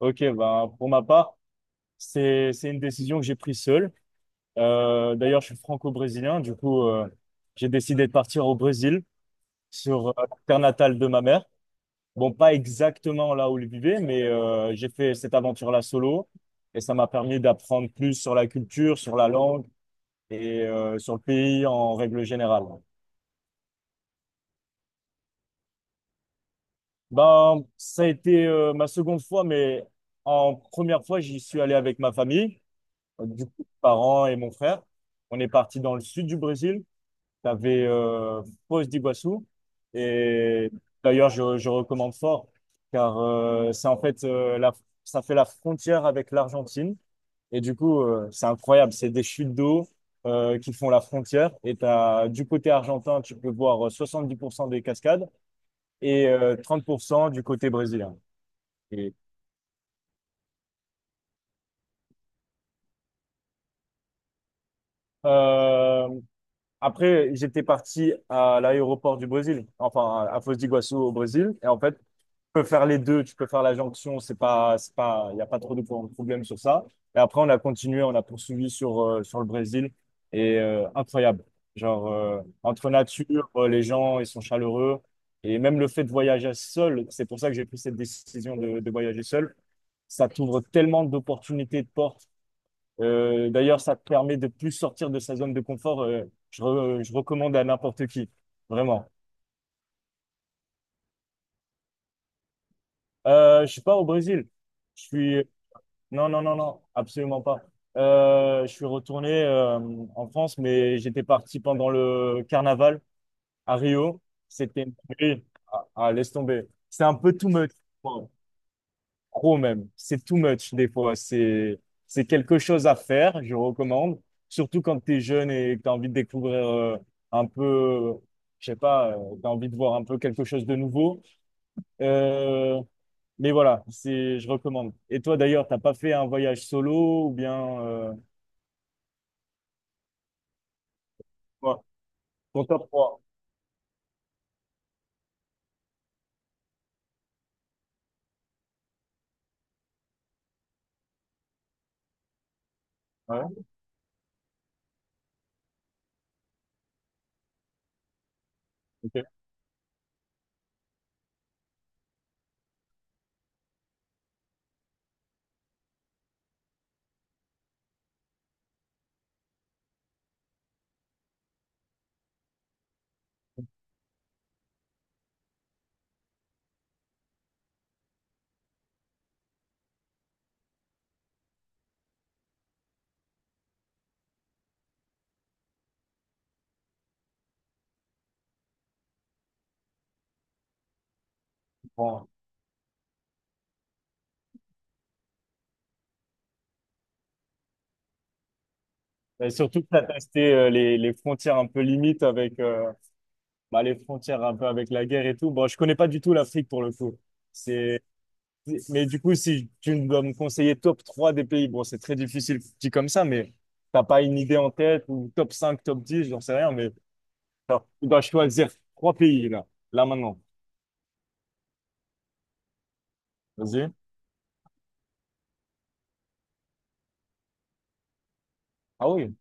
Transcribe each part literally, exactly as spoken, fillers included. Ok, ben, pour ma part, c'est c'est une décision que j'ai prise seule. Euh, d'ailleurs, je suis franco-brésilien, du coup, euh, j'ai décidé de partir au Brésil sur euh, la terre natale de ma mère. Bon, pas exactement là où elle vivait, mais euh, j'ai fait cette aventure-là solo et ça m'a permis d'apprendre plus sur la culture, sur la langue et euh, sur le pays en règle générale. Ben, ça a été euh, ma seconde fois, mais en première fois, j'y suis allé avec ma famille. Donc, du coup, mes parents et mon frère, on est parti dans le sud du Brésil. Tu avais euh, Foz d'Iguaçu. Et d'ailleurs, je, je recommande fort, car euh, c'est en fait, euh, la, ça fait la frontière avec l'Argentine. Et du coup, euh, c'est incroyable. C'est des chutes d'eau euh, qui font la frontière. Et t'as, du côté argentin, tu peux voir soixante-dix pour cent des cascades et euh, trente pour cent du côté brésilien. Et, euh, Après, j'étais parti à l'aéroport du Brésil, enfin à Foz do Iguaçu au Brésil. Et en fait, tu peux faire les deux, tu peux faire la jonction, c'est pas, c'est pas, il n'y a pas trop de pro- problème sur ça. Et après, on a continué, on a poursuivi sur, euh, sur le Brésil. Et euh, incroyable. Genre, euh, entre nature, euh, les gens, ils sont chaleureux. Et même le fait de voyager seul, c'est pour ça que j'ai pris cette décision de, de voyager seul. Ça t'ouvre tellement d'opportunités, de portes. Euh, d'ailleurs, ça permet de plus sortir de sa zone de confort. Euh, je, re- je recommande à n'importe qui, vraiment. Euh, je suis pas au Brésil. Je suis non, non, non, non, absolument pas. Euh, je suis retourné euh, en France, mais j'étais parti pendant le carnaval à Rio. C'était Ah, ah, laisse tomber. C'est un peu tout meute. Trop même. C'est too much des fois. C'est c'est quelque chose à faire, je recommande. Surtout quand tu es jeune et que tu as envie de découvrir euh, un peu, euh, je sais pas, tu as envie de voir un peu quelque chose de nouveau. Euh, mais voilà, c'est, je recommande. Et toi d'ailleurs, t'as pas fait un voyage solo ou bien euh, quoi ton top trois? Ouais, ok. Bon. Et surtout que tu as testé euh, les, les frontières un peu limites avec euh, bah, les frontières un peu avec la guerre et tout. Bon, je connais pas du tout l'Afrique pour le coup. C'est Mais du coup, si tu dois me conseiller top trois des pays, bon, c'est très difficile dit comme ça, mais t'as pas une idée en tête ou top cinq top dix, j'en sais rien, mais alors, tu dois choisir trois pays là, là maintenant. Vas-y. Ah oui,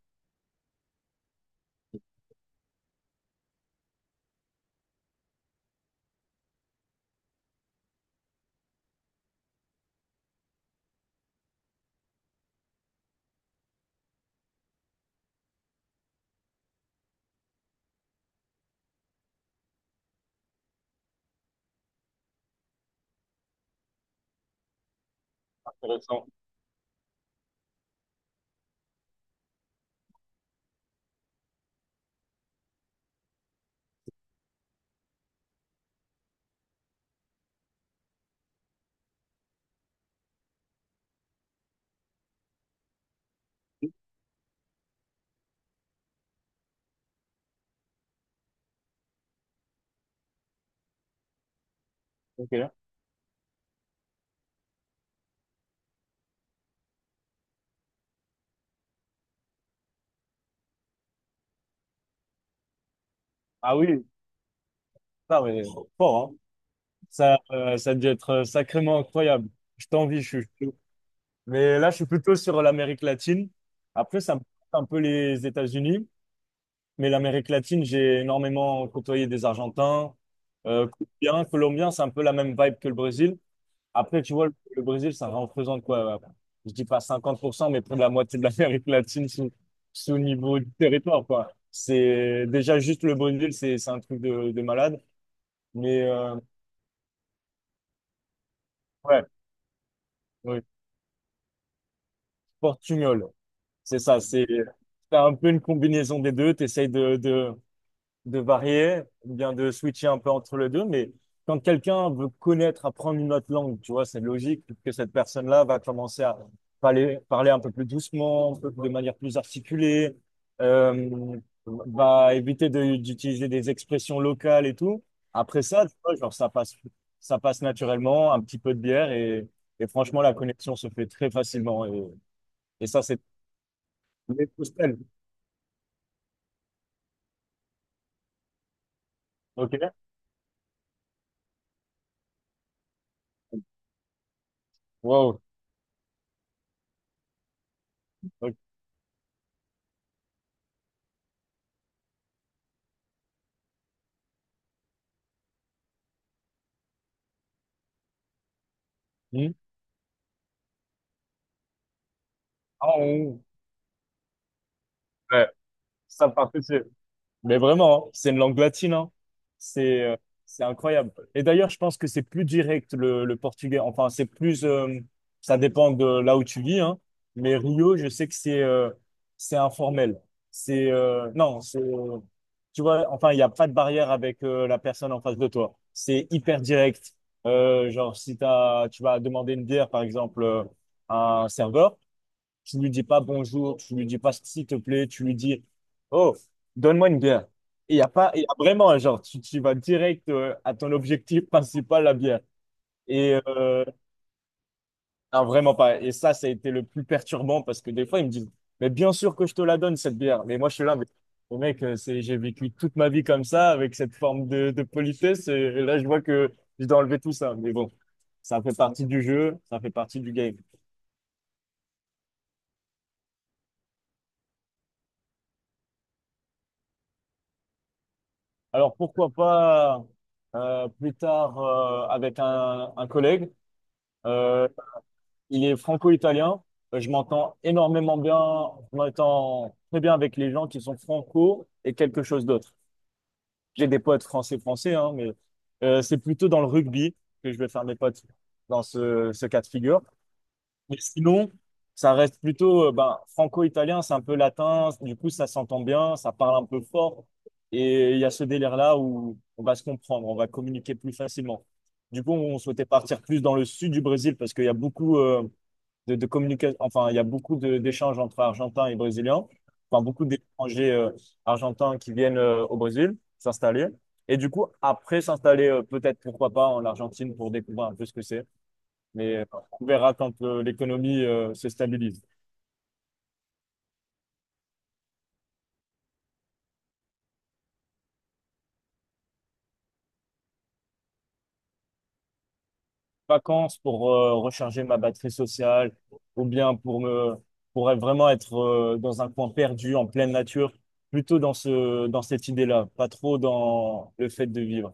intéressant. Ok. Ah oui, ça, mais fort, hein. Ça, euh, ça a dû être euh, sacrément incroyable. Je t'envie, je suis chaud. Mais là, je suis plutôt sur l'Amérique latine. Après, ça me tente un peu les États-Unis. Mais l'Amérique latine, j'ai énormément côtoyé des Argentins, euh, Colombiens. Colombiens, c'est un peu la même vibe que le Brésil. Après, tu vois, le, le Brésil, ça représente quoi? euh, Je dis pas cinquante pour cent, mais près de la moitié de l'Amérique latine sous, sous niveau du territoire, quoi. C'est déjà juste le Brésil, c'est c'est un truc de, de malade. Mais euh, ouais, oui. Portugnol, c'est ça. C'est c'est un peu une combinaison des deux. Tu essayes de, de, de varier, ou bien de switcher un peu entre les deux. Mais quand quelqu'un veut connaître, apprendre une autre langue, tu vois, c'est logique que cette personne-là va commencer à parler, parler un peu plus doucement, un peu de manière plus articulée, euh, va éviter de- d'utiliser des expressions locales et tout. Après ça, tu vois, genre, ça passe, ça passe naturellement, un petit peu de bière et, et franchement, la connexion se fait très facilement. Et, et ça, c'est les hostels. OK? Wow. Ok. Hmm. Ah, ouais. Ouais. Ça part. Mais vraiment, hein, c'est une langue latine, hein. C'est euh, c'est incroyable. Et d'ailleurs, je pense que c'est plus direct le, le portugais. Enfin, c'est plus, euh, ça dépend de là où tu vis, hein. Mais Rio, je sais que c'est euh, c'est informel. C'est euh, non, c'est euh, tu vois, enfin, il n'y a pas de barrière avec euh, la personne en face de toi. C'est hyper direct. Euh, genre, si t'as, tu vas demander une bière, par exemple, euh, à un serveur. Tu lui dis pas bonjour, tu lui dis pas s'il te plaît, tu lui dis oh, donne-moi une bière. Il y a pas, il y a vraiment genre tu, tu vas direct euh, à ton objectif principal, la bière. Et euh, non, vraiment pas. Et ça, ça a été le plus perturbant parce que des fois ils me disent mais bien sûr que je te la donne cette bière. Mais moi je suis là, mais mais mec, euh, c'est j'ai vécu toute ma vie comme ça avec cette forme de, de politesse et là je vois que je dois enlever tout ça. Mais bon, ça fait partie du jeu, ça fait partie du game. Alors pourquoi pas euh, plus tard euh, avec un, un collègue. Euh, il est franco-italien. Euh, Je m'entends énormément bien. Je m'entends très bien avec les gens qui sont franco et quelque chose d'autre. J'ai des potes français-français, hein, mais euh, c'est plutôt dans le rugby que je vais faire mes potes dans ce, ce cas de figure. Mais sinon, ça reste plutôt euh, ben, franco-italien, c'est un peu latin, du coup ça s'entend bien, ça parle un peu fort, et il y a ce délire-là où on va se comprendre, on va communiquer plus facilement. Du coup, on souhaitait partir plus dans le sud du Brésil parce qu'il y a beaucoup euh, de, de communication, enfin il y a beaucoup de- d'échanges entre Argentins et Brésiliens, enfin beaucoup d'étrangers euh, argentins qui viennent euh, au Brésil s'installer, et du coup après s'installer euh, peut-être pourquoi pas en Argentine pour découvrir un peu ce que c'est. Mais euh, on verra quand euh, l'économie euh, se stabilise. Vacances pour euh, recharger ma batterie sociale ou bien pour me pour être- vraiment être euh, dans un coin perdu en pleine nature, plutôt dans ce dans cette idée-là, pas trop dans le fait de vivre.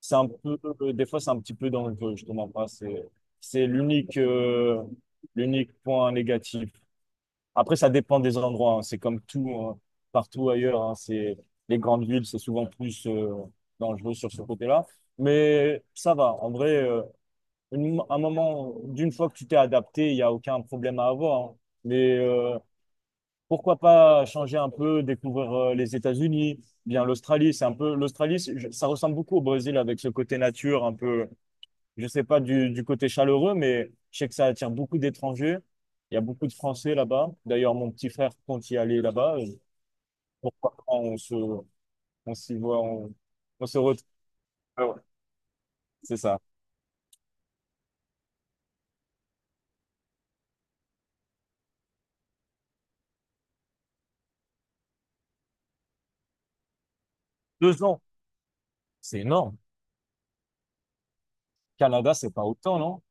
C'est un peu euh, des fois c'est un petit peu dangereux, je te mens pas, c'est c'est l'unique euh, l'unique point négatif. Après, ça dépend des endroits, hein. C'est comme tout, hein, partout ailleurs, hein. C'est les grandes villes, c'est souvent plus euh, dangereux sur ce côté-là. Mais ça va. En vrai, euh, une- un moment, d'une fois que tu t'es adapté, il n'y a aucun problème à avoir, hein. Mais euh, Pourquoi pas changer un peu, découvrir euh, les États-Unis, bien l'Australie. C'est un peu l'Australie, c'est- je- ça ressemble beaucoup au Brésil avec ce côté nature un peu. Je sais pas du, du côté chaleureux, mais je sais que ça attire beaucoup d'étrangers. Il y a beaucoup de Français là-bas. D'ailleurs, mon petit frère compte y aller là-bas. Euh, Pourquoi pas, on se, on s'y voit, on, on se retrouve. Ah ouais. C'est ça. Deux ans, c'est énorme. Canada, c'est pas autant, non?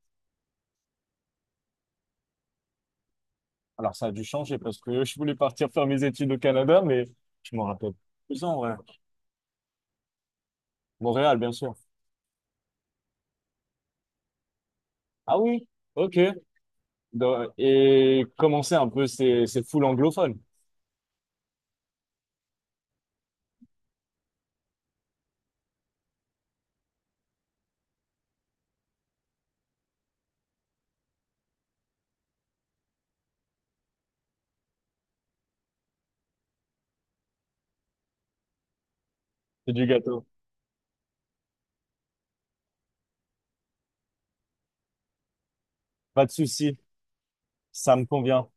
Alors, ça a dû changer parce que je voulais partir faire mes études au Canada, mais je m'en rappelle. Deux ans, ouais. Montréal, bien sûr. Ah oui? Ok. Dans- et commencer un peu ces, ces foules anglophones. C'est du gâteau. Pas de souci, ça me convient.